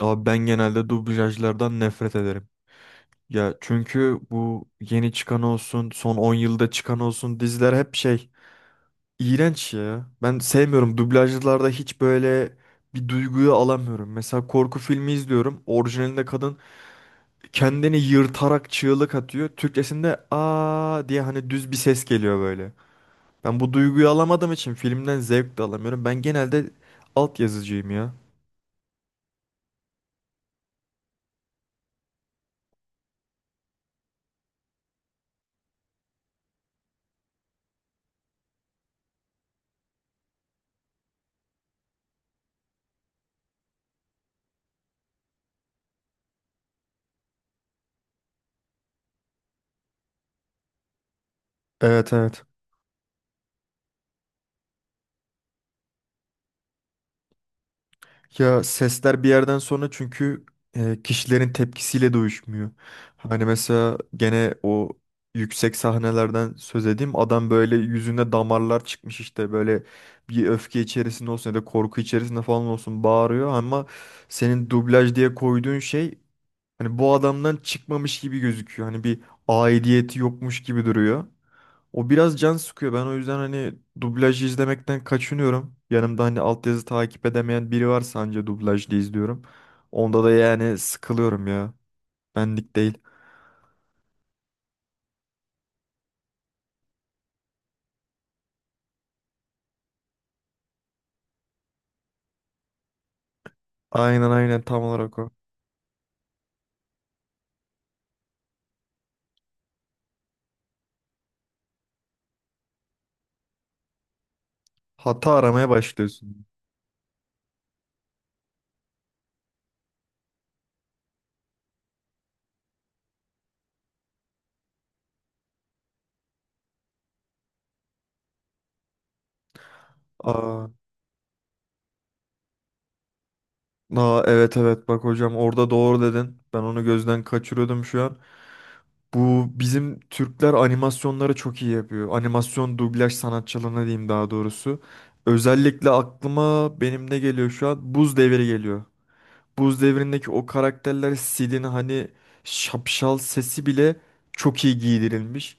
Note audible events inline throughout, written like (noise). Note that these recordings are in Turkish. Abi ben genelde dublajlardan nefret ederim. Ya çünkü bu yeni çıkan olsun, son 10 yılda çıkan olsun diziler hep şey iğrenç ya. Ben sevmiyorum. Dublajlarda hiç böyle bir duyguyu alamıyorum. Mesela korku filmi izliyorum. Orijinalinde kadın kendini yırtarak çığlık atıyor. Türkçesinde aa diye hani düz bir ses geliyor böyle. Ben bu duyguyu alamadığım için filmden zevk de alamıyorum. Ben genelde alt yazıcıyım ya. Evet evet. Ya sesler bir yerden sonra çünkü kişilerin tepkisiyle de uyuşmuyor. Hani mesela gene o yüksek sahnelerden söz edeyim. Adam böyle yüzüne damarlar çıkmış işte böyle bir öfke içerisinde olsun ya da korku içerisinde falan olsun bağırıyor ama senin dublaj diye koyduğun şey hani bu adamdan çıkmamış gibi gözüküyor. Hani bir aidiyeti yokmuş gibi duruyor. O biraz can sıkıyor. Ben o yüzden hani dublajı izlemekten kaçınıyorum. Yanımda hani altyazı takip edemeyen biri varsa anca dublajlı izliyorum. Onda da yani sıkılıyorum ya. Benlik değil. Aynen, aynen, tam olarak o. Hata aramaya başlıyorsun. Aa, aa, evet, evet, bak hocam, orada doğru dedin. Ben onu gözden kaçırıyordum şu an. Bu bizim Türkler animasyonları çok iyi yapıyor. Animasyon dublaj sanatçılığını diyeyim daha doğrusu. Özellikle aklıma benim ne geliyor şu an? Buz Devri geliyor. Buz Devri'ndeki o karakterler Sid'in hani şapşal sesi bile çok iyi giydirilmiş.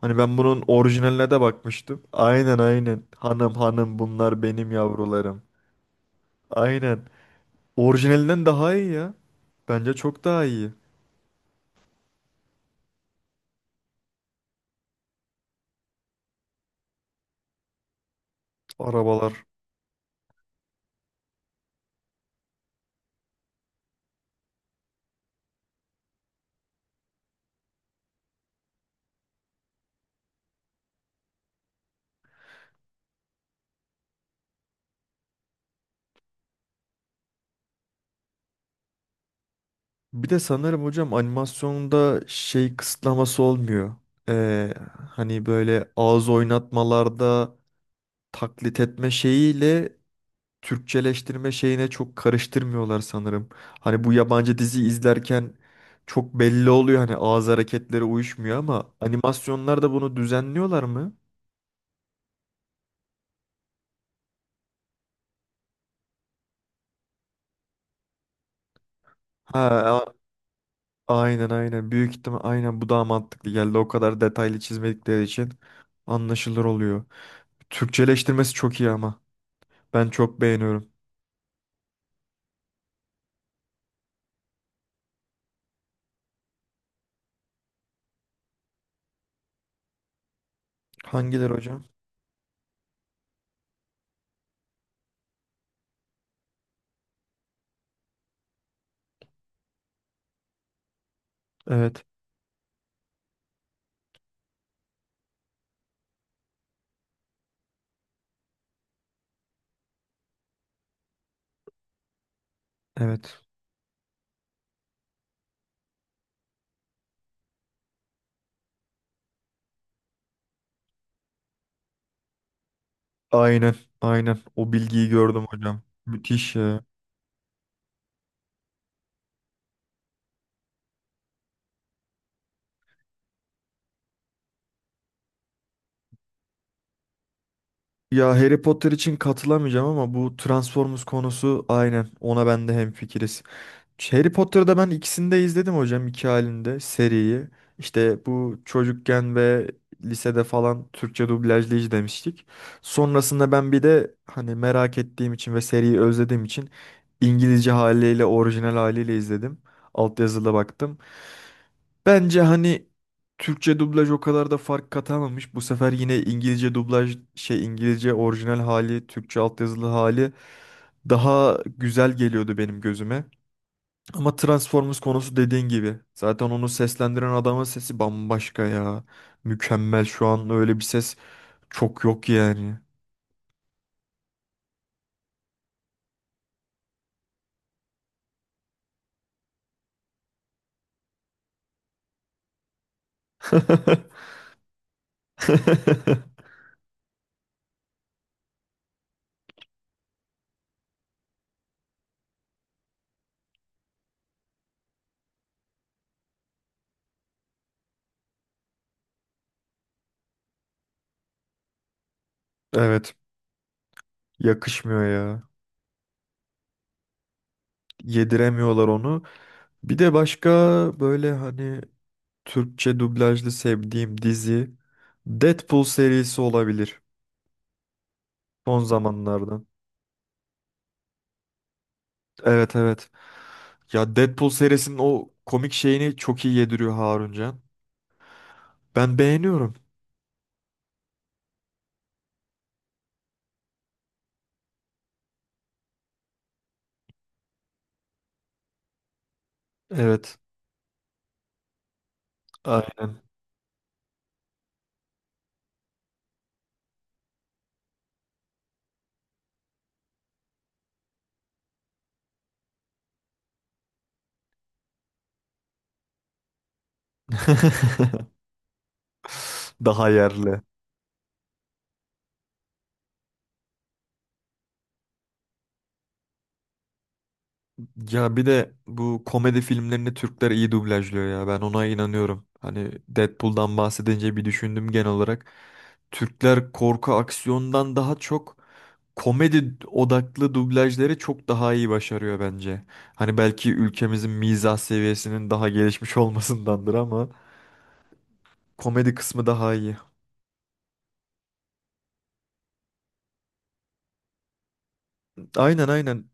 Hani ben bunun orijinaline de bakmıştım. Aynen, aynen. Hanım hanım bunlar benim yavrularım. Aynen. Orijinalinden daha iyi ya. Bence çok daha iyi. Arabalar. Bir de sanırım hocam animasyonda şey kısıtlaması olmuyor. Ee, hani böyle ağız oynatmalarda taklit etme şeyiyle Türkçeleştirme şeyine çok karıştırmıyorlar sanırım. Hani bu yabancı dizi izlerken çok belli oluyor hani ağız hareketleri uyuşmuyor ama animasyonlarda bunu düzenliyorlar mı? Ha, a- aynen, aynen, büyük ihtimal aynen, bu daha mantıklı geldi, o kadar detaylı çizmedikleri için anlaşılır oluyor. Türkçeleştirmesi çok iyi ama ben çok beğeniyorum. Hangileri hocam? Evet, evet, aynen, aynen, o bilgiyi gördüm hocam, müthiş ya. Ya Harry Potter için katılamayacağım ama bu Transformers konusu aynen, ona ben de hemfikiriz. Harry Potter'da ben ikisini de izledim hocam, iki halinde seriyi. İşte bu çocukken ve lisede falan Türkçe dublajlı izlemiştik. Sonrasında ben bir de hani merak ettiğim için ve seriyi özlediğim için İngilizce haliyle, orijinal haliyle izledim. Altyazıda baktım. Bence hani Türkçe dublaj o kadar da fark katamamış. Bu sefer yine İngilizce dublaj şey, İngilizce orijinal hali, Türkçe altyazılı hali daha güzel geliyordu benim gözüme. Ama Transformers konusu dediğin gibi. Zaten onu seslendiren adamın sesi bambaşka ya. Mükemmel, şu an öyle bir ses çok yok yani. (laughs) Evet, yakışmıyor ya. Yediremiyorlar onu. Bir de başka böyle hani Türkçe dublajlı sevdiğim dizi Deadpool serisi olabilir son zamanlardan. Evet, evet. Ya Deadpool serisinin o komik şeyini çok iyi yediriyor Harun Can. Ben beğeniyorum. Evet, aynen. (laughs) Daha yerli. Ya bir de bu komedi filmlerini Türkler iyi dublajlıyor ya. Ben ona inanıyorum. Hani Deadpool'dan bahsedince bir düşündüm genel olarak. Türkler korku aksiyondan daha çok komedi odaklı dublajları çok daha iyi başarıyor bence. Hani belki ülkemizin mizah seviyesinin daha gelişmiş (laughs) olmasındandır ama komedi kısmı daha iyi. Aynen, aynen.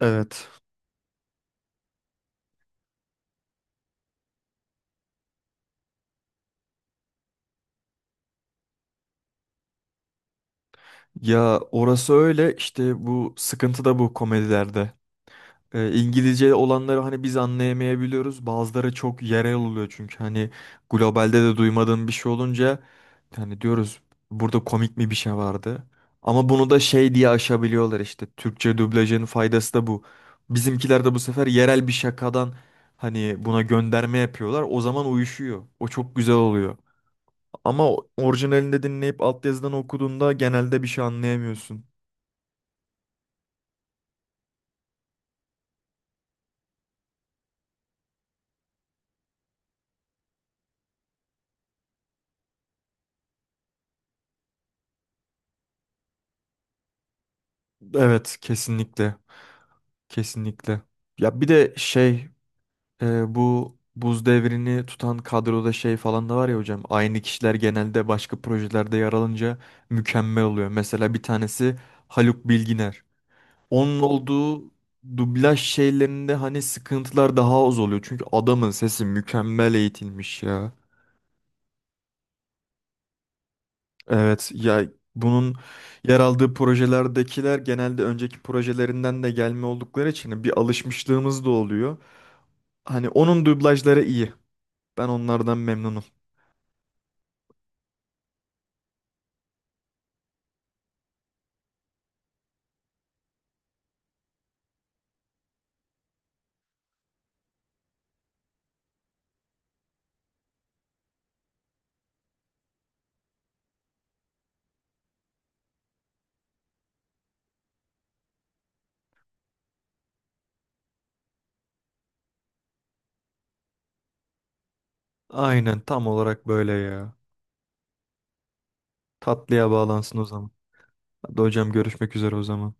Evet. Ya orası öyle işte, bu sıkıntı da bu komedilerde. İngilizce olanları hani biz anlayamayabiliyoruz. Bazıları çok yerel oluyor çünkü hani globalde de duymadığım bir şey olunca hani diyoruz burada komik mi bir şey vardı. Ama bunu da şey diye aşabiliyorlar işte. Türkçe dublajın faydası da bu. Bizimkiler de bu sefer yerel bir şakadan hani buna gönderme yapıyorlar. O zaman uyuşuyor. O çok güzel oluyor. Ama orijinalinde dinleyip altyazıdan okuduğunda genelde bir şey anlayamıyorsun. Evet, kesinlikle. Kesinlikle. Ya bir de şey, bu buz devrini tutan kadroda şey falan da var ya hocam. Aynı kişiler genelde başka projelerde yer alınca mükemmel oluyor. Mesela bir tanesi Haluk Bilginer. Onun olduğu dublaj şeylerinde hani sıkıntılar daha az oluyor. Çünkü adamın sesi mükemmel eğitilmiş ya. Evet ya, bunun yer aldığı projelerdekiler genelde önceki projelerinden de gelme oldukları için bir alışmışlığımız da oluyor. Hani onun dublajları iyi. Ben onlardan memnunum. Aynen, tam olarak böyle ya. Tatlıya bağlansın o zaman. Hadi hocam, görüşmek üzere o zaman.